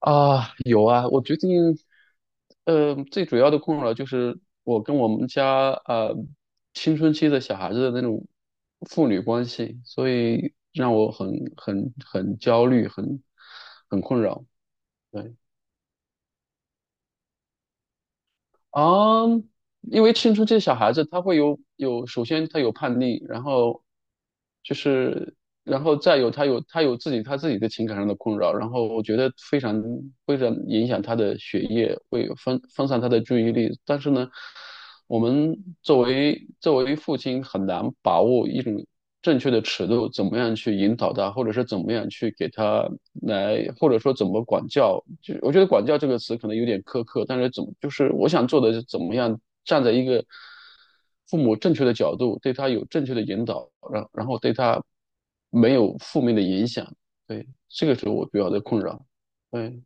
啊，有啊，我最近，最主要的困扰就是我跟我们家青春期的小孩子的那种父女关系，所以让我很很焦虑，很困扰。对。啊，因为青春期小孩子他会有，首先他有叛逆，然后就是，然后再有他有自己他自己的情感上的困扰，然后我觉得非常影响他的学业，会分散他的注意力。但是呢，我们作为父亲很难把握一种正确的尺度，怎么样去引导他，或者是怎么样去给他来，或者说怎么管教。就我觉得"管教"这个词可能有点苛刻，但是怎么就是我想做的是怎么样站在一个父母正确的角度，对他有正确的引导，然后对他没有负面的影响。对，这个是我比较的困扰。对。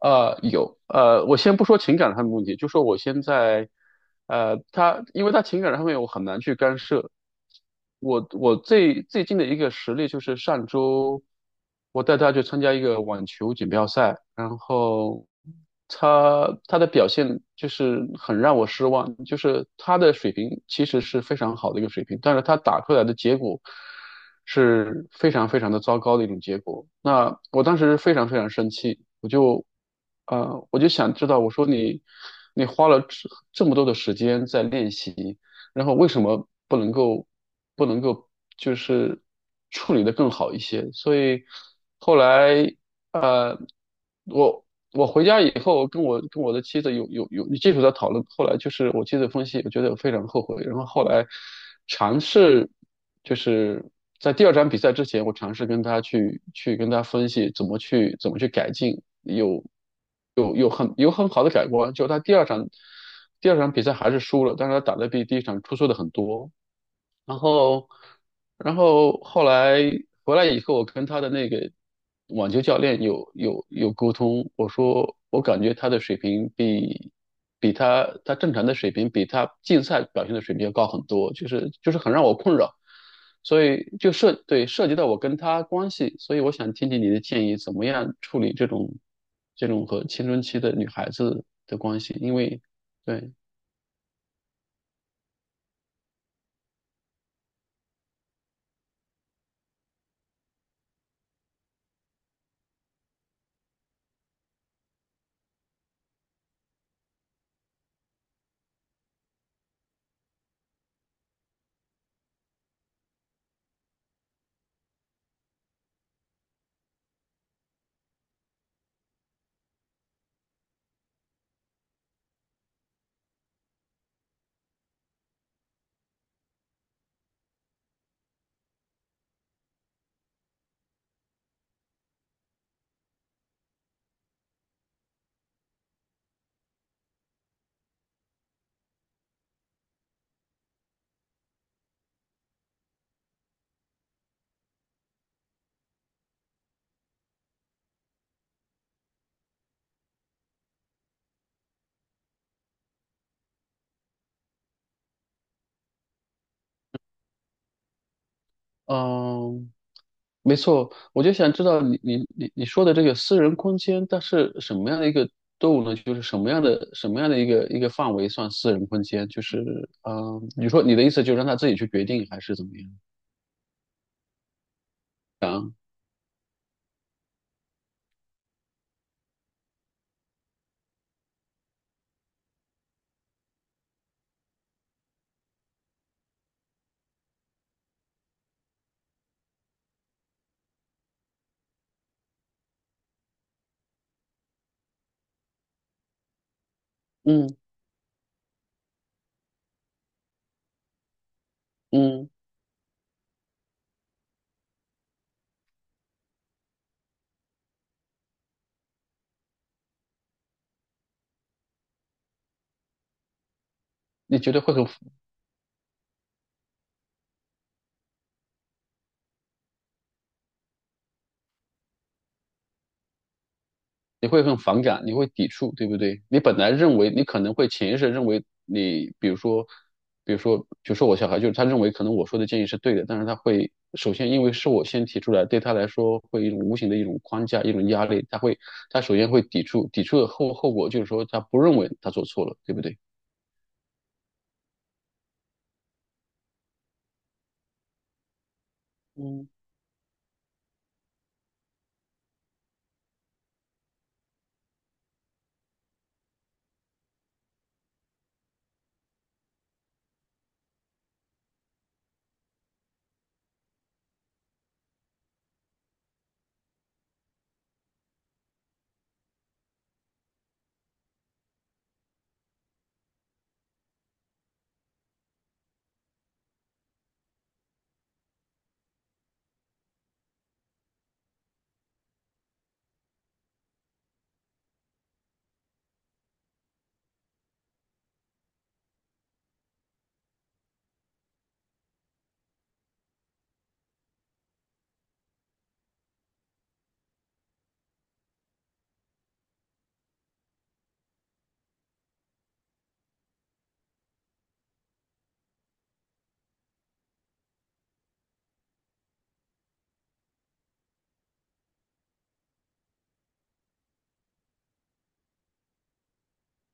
有，我先不说情感上的问题，就说我现在，他，因为他情感上面我很难去干涉。我最近的一个实例就是上周，我带他去参加一个网球锦标赛，然后他的表现就是很让我失望，就是他的水平其实是非常好的一个水平，但是他打出来的结果是非常的糟糕的一种结果。那我当时非常生气，我就想知道，我说你，你花了这么多的时间在练习，然后为什么不能够就是处理得更好一些？所以后来我回家以后跟我的妻子有技术在讨论，后来就是我妻子分析，我觉得我非常后悔。然后后来尝试就是在第二场比赛之前，我尝试跟他去跟他分析怎么去改进，有很好的改观。就他第二场比赛还是输了，但是他打得比第一场出色的很多。然后，然后后来回来以后，我跟他的那个网球教练有沟通，我说我感觉他的水平比比他正常的水平比他竞赛表现的水平要高很多，就是很让我困扰，所以就涉对涉及到我跟他关系，所以我想听听你的建议，怎么样处理这种和青春期的女孩子的关系，因为对，嗯。没错，我就想知道你说的这个私人空间，它是什么样的一个度呢？就是什么样的一个范围算私人空间？就是你说你的意思就是让他自己去决定，还是怎么样？嗯嗯，你觉得会很你会很反感，你会抵触，对不对？你本来认为你可能会潜意识认为你，比如说，比如说，就说我小孩，就是他认为可能我说的建议是对的，但是他会首先因为是我先提出来，对他来说会一种无形的一种框架，一种压力，他首先会抵触，抵触的后果就是说他不认为他做错了，对不对？嗯，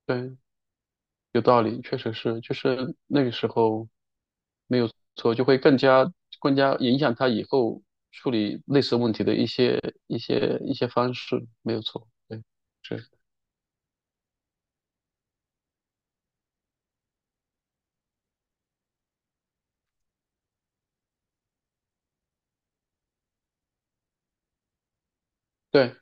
对，有道理，确实是，就是那个时候没有错，就会更加影响他以后处理类似问题的一些方式，没有错，对，是，对，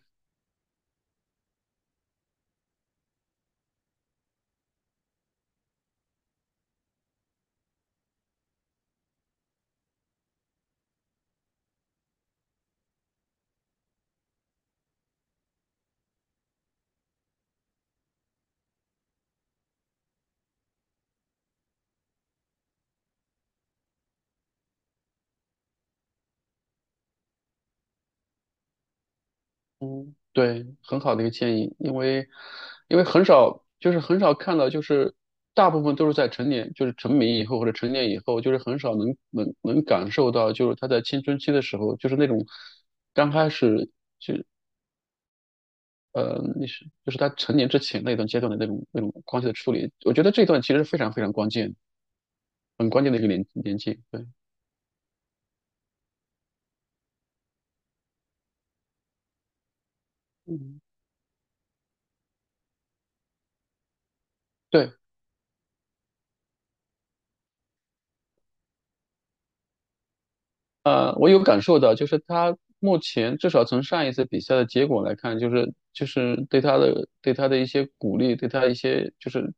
嗯，对，很好的一个建议，因为因为很少，就是很少看到，就是大部分都是在成年，就是成名以后或者成年以后，就是很少能感受到，就是他在青春期的时候，就是那种刚开始。那是就是他成年之前那一段阶段的那种关系的处理，我觉得这段其实是非常关键，很关键的一个年纪。对，嗯，对。我有感受到，就是他目前至少从上一次比赛的结果来看，就是对他的一些鼓励，对他一些就是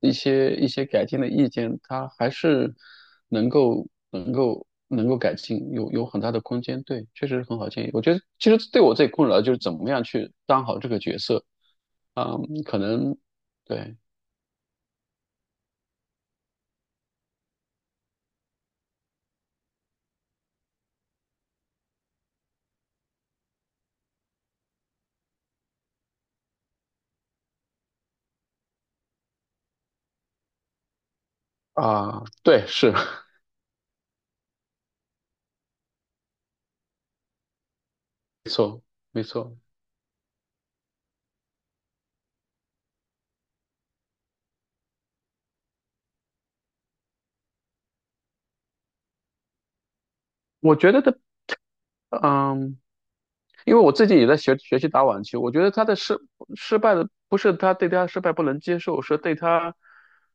一些改进的意见，他还是能够改进，有很大的空间。对，确实是很好建议。我觉得其实对我最困扰就是怎么样去当好这个角色嗯，可能对啊，对，是 没错。我觉得的，嗯。因为我自己也在学习打网球，我觉得他的失失败的不是他对他失败不能接受，是对他，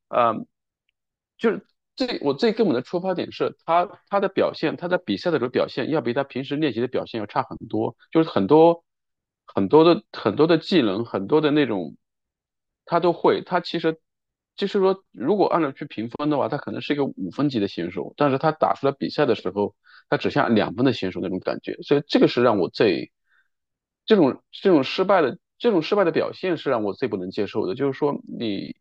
呃，就是最我最根本的出发点是他的表现，他在比赛的时候表现要比他平时练习的表现要差很多，就是很多很多的技能，很多的那种他都会，他其实就是说评分的话，他可能是一个五分级的选手，但是他打出来比赛的时候，他只像两分的选手那种感觉，所以这个是让我最这种失败的失败的表现是让我最不能接受的。就是说你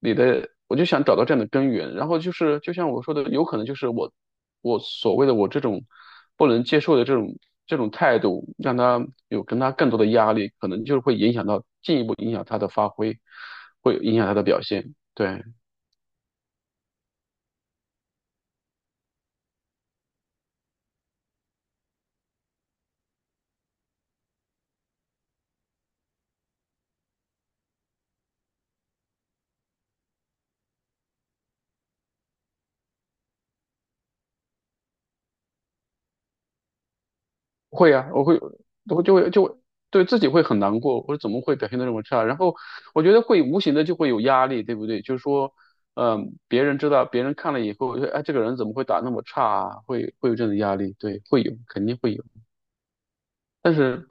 你的，我就想找到这样的根源，然后就是就像我说的，有可能就是我所谓的我这种不能接受的这种态度，让他有跟他更多的压力，可能就是会影响到进一步影响他的发挥，会影响他的表现，对。会啊，我会，我就会对自己会很难过，或者怎么会表现的这么差？然后我觉得会无形的就会有压力，对不对？就是说，嗯、别人知道，别人看了以后，就哎，这个人怎么会打那么差啊？会有这种压力，对，会有，肯定会有。但是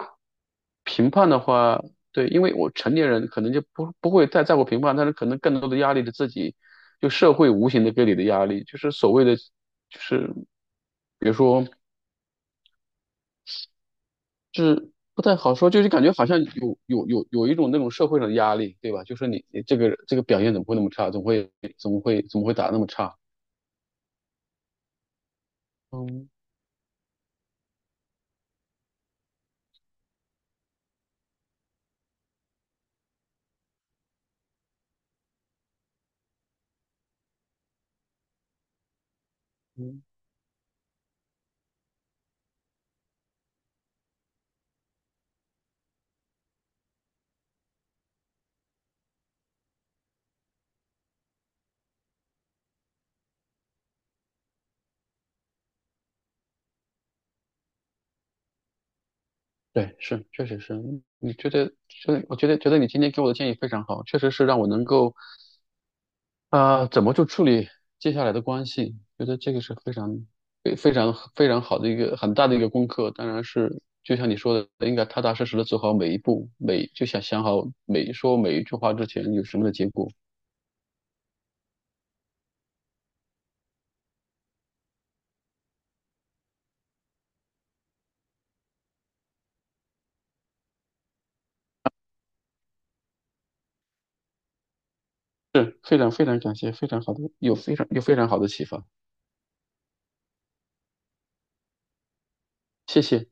评判的话，对，因为我成年人可能就不会太在乎评判，但是可能更多的压力是自己，就社会无形的给你的压力，就是所谓的，就是比如说。就是不太好说，就是感觉好像有一种那种社会上的压力，对吧？就说你你这个表现怎么会那么差，怎么会打那么差？嗯嗯，对，是确实是，嗯你觉得我觉得你今天给我的建议非常好，确实是让我能够怎么去处理接下来的关系，觉得这个是非常非常好的一个很大的一个功课，当然是。就像你说的，应该踏踏实实的走好每一步，每就想想好每说每一句话之前有什么的结果。是非常感谢，非常好的，有非常好的启发，谢谢。